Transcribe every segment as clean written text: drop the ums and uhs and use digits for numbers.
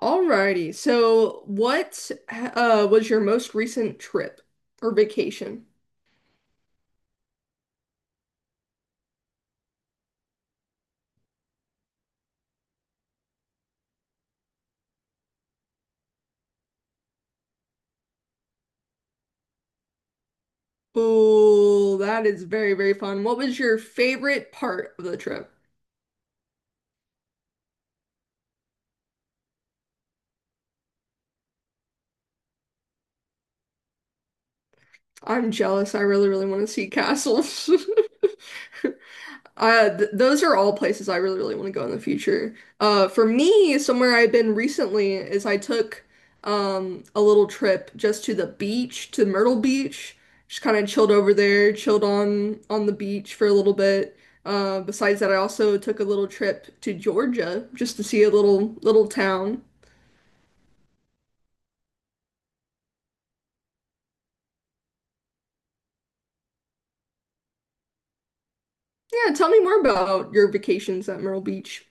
Alrighty. So, what was your most recent trip or vacation? Oh, that is very, very fun. What was your favorite part of the trip? I'm jealous. I really, really want to see castles. Th those are all places I really, really want to go in the future. For me, somewhere I've been recently is I took a little trip just to the beach, to Myrtle Beach. Just kind of chilled over there, chilled on the beach for a little bit. Besides that, I also took a little trip to Georgia just to see a little town. Yeah, tell me more about your vacations at Myrtle Beach.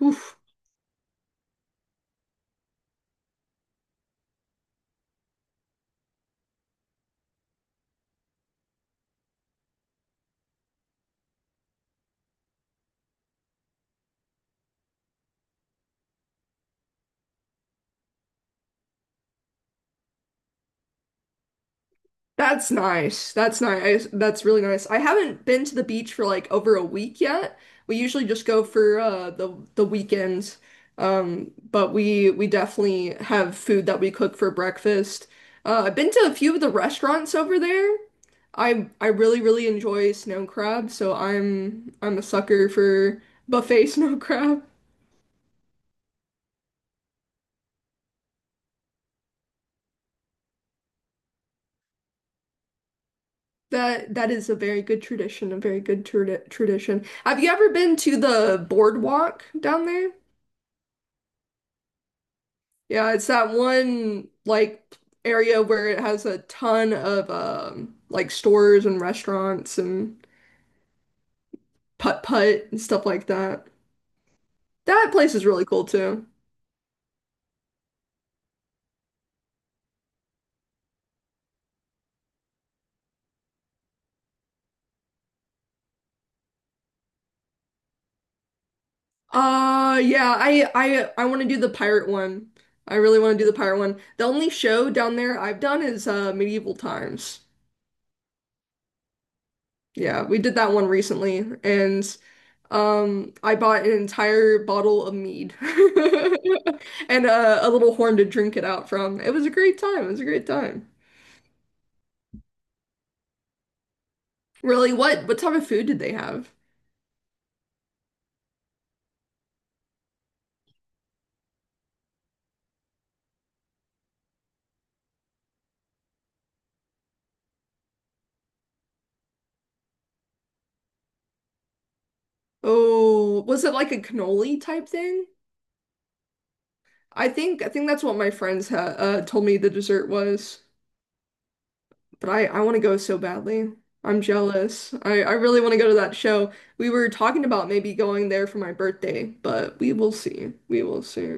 Oof. That's nice. That's nice. That's really nice. I haven't been to the beach for like over a week yet. We usually just go for the weekends. But we definitely have food that we cook for breakfast. I've been to a few of the restaurants over there. I really enjoy snow crab, so I'm a sucker for buffet snow crab. That is a very good tradition, a very good tradition. Have you ever been to the boardwalk down there? Yeah, it's that one like area where it has a ton of like stores and restaurants and putt-putt and stuff like that. That place is really cool too. Yeah, I want to do the pirate one. I really want to do the pirate one. The only show down there I've done is Medieval Times. Yeah, we did that one recently. And I bought an entire bottle of mead and a little horn to drink it out from. It was a great time. It was a great time. Really, what type of food did they have? Oh, was it like a cannoli type thing? I think that's what my friends ha told me the dessert was. But I want to go so badly. I'm jealous. I really want to go to that show. We were talking about maybe going there for my birthday, but we will see. We will see.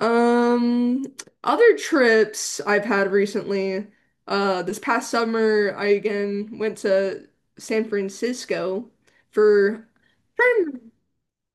Um, Other trips I've had recently. This past summer, I again went to San Francisco for trying.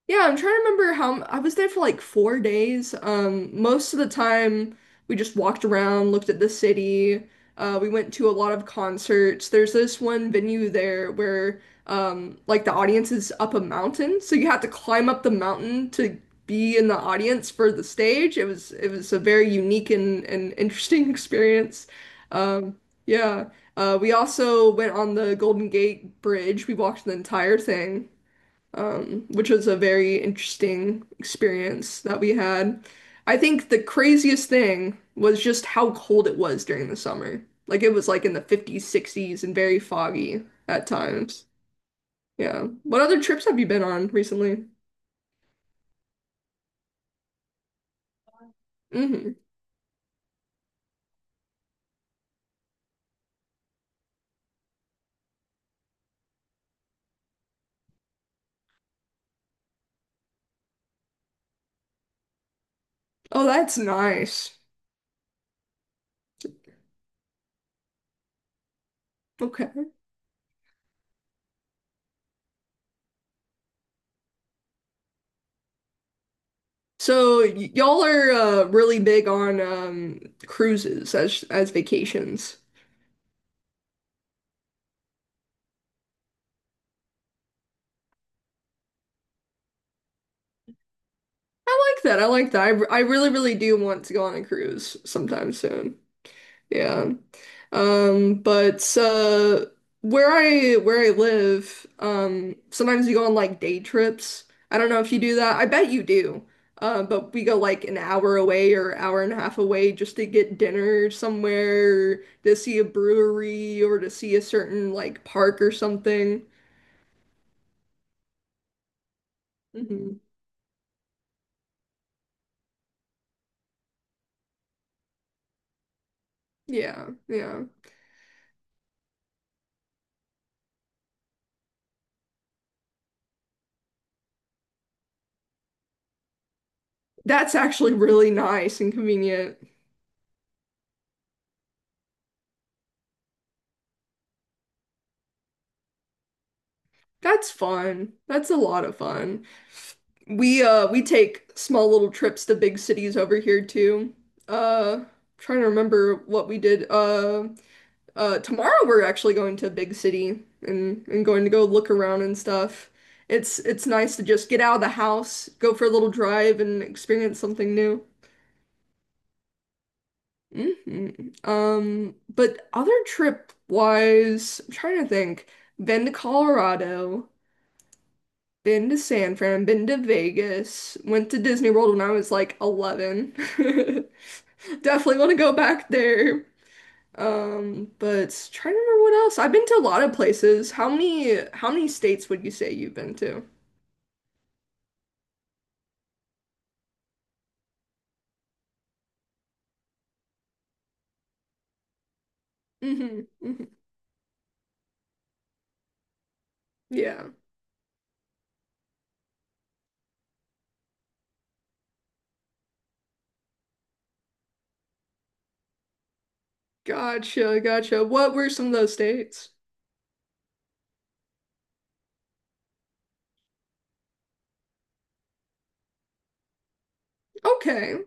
Yeah, I'm trying to remember how I was there for like 4 days. Most of the time we just walked around, looked at the city. We went to a lot of concerts. There's this one venue there where like the audience is up a mountain, so you have to climb up the mountain to be in the audience for the stage. It was a very unique and interesting experience. Um, yeah. We also went on the Golden Gate Bridge. We walked the entire thing, which was a very interesting experience that we had. I think the craziest thing was just how cold it was during the summer. Like it was like in the 50s, 60s, and very foggy at times. Yeah. What other trips have you been on recently? Hmm. Oh, that's nice. Okay. So y'all are really big on cruises as vacations. I like that. I like that. I really, really do want to go on a cruise sometime soon. Yeah. But where I live, sometimes we go on like day trips. I don't know if you do that. I bet you do. But we go like an hour away or hour and a half away just to get dinner somewhere, to see a brewery or to see a certain like park or something. Hmm. Yeah, yeah. That's actually really nice and convenient. That's fun. That's a lot of fun. We take small little trips to big cities over here too. Uh trying to remember what we did. Tomorrow we're actually going to a big city and going to go look around and stuff. It's nice to just get out of the house, go for a little drive and experience something new. Hmm. But other trip wise, I'm trying to think. Been to Colorado. Been to San Fran, been to Vegas, went to Disney World when I was like 11. Definitely want to go back there. But trying to remember what else. I've been to a lot of places. How many states would you say you've been to? Hmm. Hmm. Yeah. Gotcha, gotcha. What were some of those states? Okay.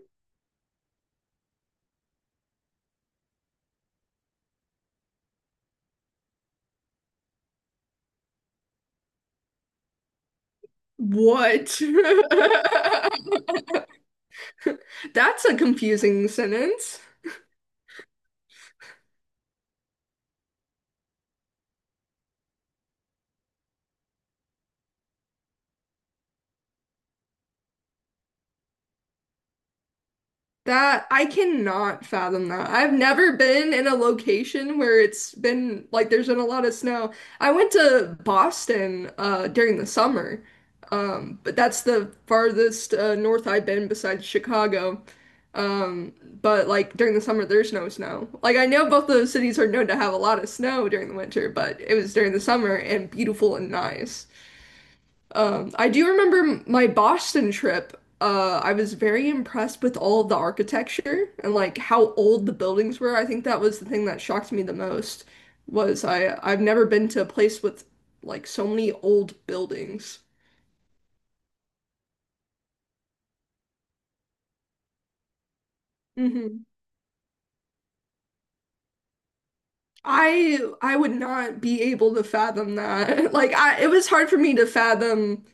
What? That's a confusing sentence. That I cannot fathom that. I've never been in a location where it's been like there's been a lot of snow. I went to Boston during the summer. But that's the farthest north I've been besides Chicago. Um but like during the summer there's no snow. Like I know both those cities are known to have a lot of snow during the winter, but it was during the summer and beautiful and nice. I do remember my Boston trip. I was very impressed with all of the architecture and like how old the buildings were. I think that was the thing that shocked me the most was I've never been to a place with like so many old buildings. Hmm. I would not be able to fathom that. It was hard for me to fathom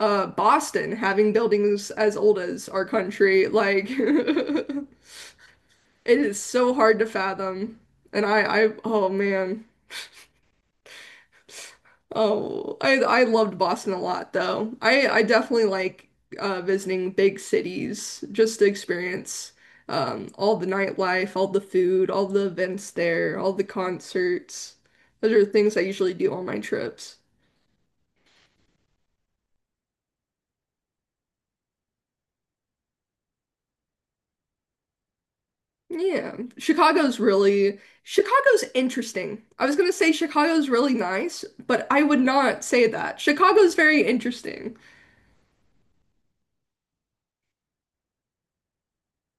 Boston having buildings as old as our country. Like it is so hard to fathom. Oh man. I loved Boston a lot though. I definitely like visiting big cities just to experience, all the nightlife, all the food, all the events there, all the concerts. Those are things I usually do on my trips. Yeah, Chicago's interesting. I was gonna say Chicago's really nice, but I would not say that. Chicago's very interesting.